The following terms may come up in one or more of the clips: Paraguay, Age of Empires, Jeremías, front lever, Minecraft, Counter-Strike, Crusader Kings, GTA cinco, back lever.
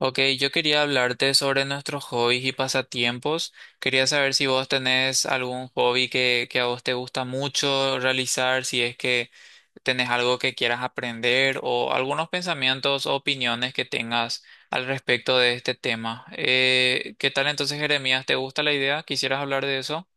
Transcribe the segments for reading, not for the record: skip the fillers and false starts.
Ok, yo quería hablarte sobre nuestros hobbies y pasatiempos. Quería saber si vos tenés algún hobby que a vos te gusta mucho realizar, si es que tenés algo que quieras aprender o algunos pensamientos o opiniones que tengas al respecto de este tema. ¿qué tal entonces, Jeremías? ¿Te gusta la idea? ¿Quisieras hablar de eso?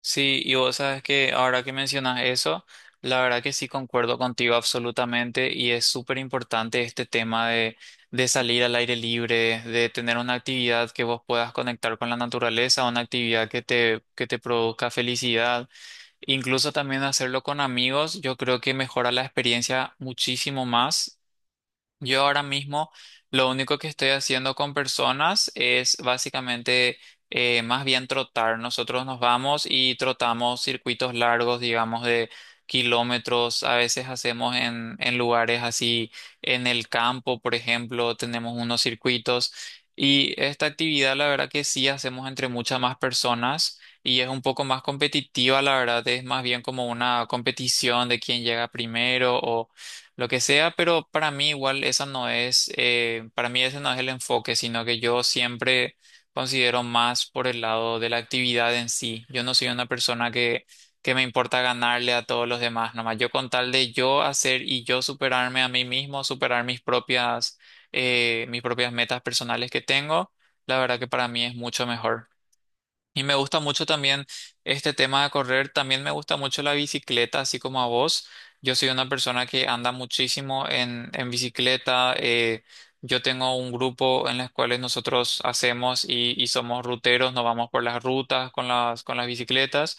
Sí, y vos sabes que ahora que mencionas eso, la verdad que sí concuerdo contigo absolutamente y es súper importante este tema de salir al aire libre, de tener una actividad que vos puedas conectar con la naturaleza, una actividad que te produzca felicidad, incluso también hacerlo con amigos. Yo creo que mejora la experiencia muchísimo más. Yo ahora mismo lo único que estoy haciendo con personas es básicamente más bien trotar. Nosotros nos vamos y trotamos circuitos largos, digamos, de kilómetros. A veces hacemos en lugares así, en el campo, por ejemplo, tenemos unos circuitos. Y esta actividad, la verdad que sí hacemos entre muchas más personas y es un poco más competitiva, la verdad, es más bien como una competición de quién llega primero lo que sea, pero para mí igual esa no es, para mí ese no es el enfoque, sino que yo siempre considero más por el lado de la actividad en sí. Yo no soy una persona que me importa ganarle a todos los demás, nomás yo con tal de yo hacer y yo superarme a mí mismo, superar mis propias metas personales que tengo. La verdad que para mí es mucho mejor. Y me gusta mucho también este tema de correr. También me gusta mucho la bicicleta, así como a vos. Yo soy una persona que anda muchísimo en bicicleta. Yo tengo un grupo en las cuales nosotros hacemos y somos ruteros, nos vamos por las rutas con las bicicletas.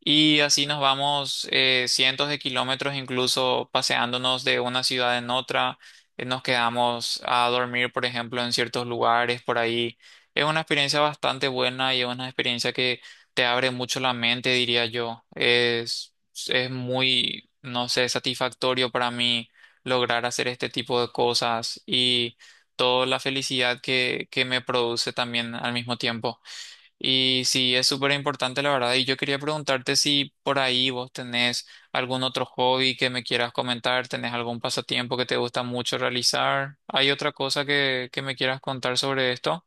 Y así nos vamos cientos de kilómetros, incluso paseándonos de una ciudad en otra. Nos quedamos a dormir, por ejemplo, en ciertos lugares por ahí. Es una experiencia bastante buena y es una experiencia que te abre mucho la mente, diría yo. Es muy, no sé, satisfactorio para mí lograr hacer este tipo de cosas y toda la felicidad que me produce también al mismo tiempo. Y sí, es súper importante, la verdad. Y yo quería preguntarte si por ahí vos tenés algún otro hobby que me quieras comentar, tenés algún pasatiempo que te gusta mucho realizar. ¿Hay otra cosa que me quieras contar sobre esto?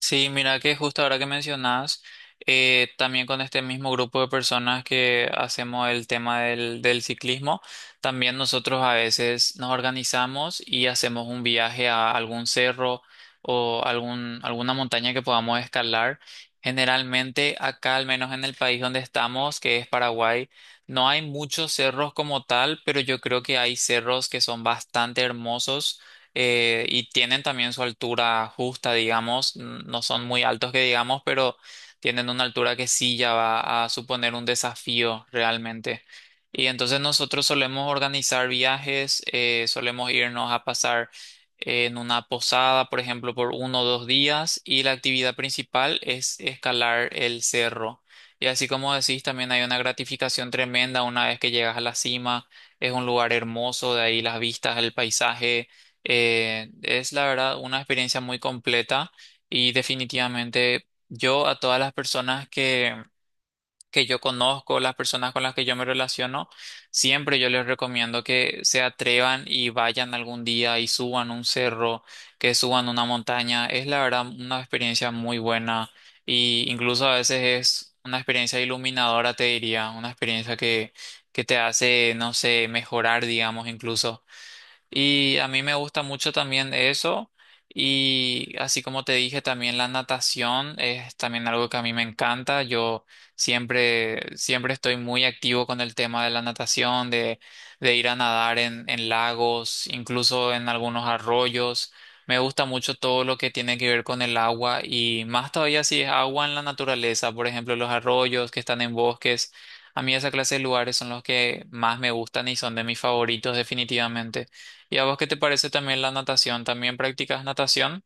Sí, mira que justo ahora que mencionas, también con este mismo grupo de personas que hacemos el tema del ciclismo, también nosotros a veces nos organizamos y hacemos un viaje a algún cerro o algún, alguna montaña que podamos escalar. Generalmente acá, al menos en el país donde estamos, que es Paraguay, no hay muchos cerros como tal, pero yo creo que hay cerros que son bastante hermosos. Y tienen también su altura justa, digamos, no son muy altos que digamos, pero tienen una altura que sí ya va a suponer un desafío realmente. Y entonces nosotros solemos organizar viajes, solemos irnos a pasar en una posada, por ejemplo, por uno o dos días, y la actividad principal es escalar el cerro. Y así como decís, también hay una gratificación tremenda una vez que llegas a la cima. Es un lugar hermoso, de ahí las vistas, el paisaje, es la verdad una experiencia muy completa y definitivamente yo a todas las personas que yo conozco, las personas con las que yo me relaciono, siempre yo les recomiendo que se atrevan y vayan algún día y suban un cerro, que suban una montaña. Es la verdad una experiencia muy buena, y incluso a veces es una experiencia iluminadora, te diría, una experiencia que te hace, no sé, mejorar, digamos, incluso. Y a mí me gusta mucho también eso. Y así como te dije, también la natación es también algo que a mí me encanta. Yo siempre, siempre estoy muy activo con el tema de la natación, de ir a nadar en lagos, incluso en algunos arroyos. Me gusta mucho todo lo que tiene que ver con el agua, y más todavía si es agua en la naturaleza, por ejemplo, los arroyos que están en bosques. A mí esa clase de lugares son los que más me gustan y son de mis favoritos definitivamente. ¿Y a vos qué te parece también la natación? ¿También practicas natación?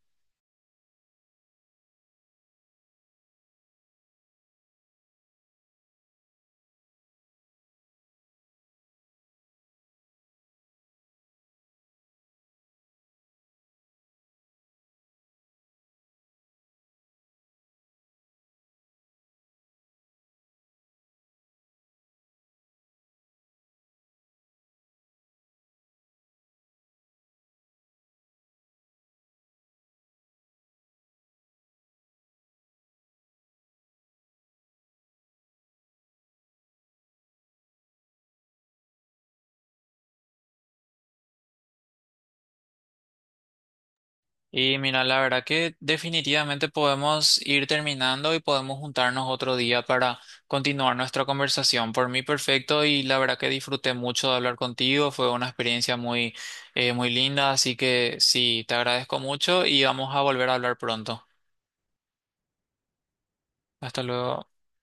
Y mira, la verdad que definitivamente podemos ir terminando y podemos juntarnos otro día para continuar nuestra conversación. Por mí, perfecto. Y la verdad que disfruté mucho de hablar contigo. Fue una experiencia muy, muy linda. Así que sí, te agradezco mucho y vamos a volver a hablar pronto. Hasta luego.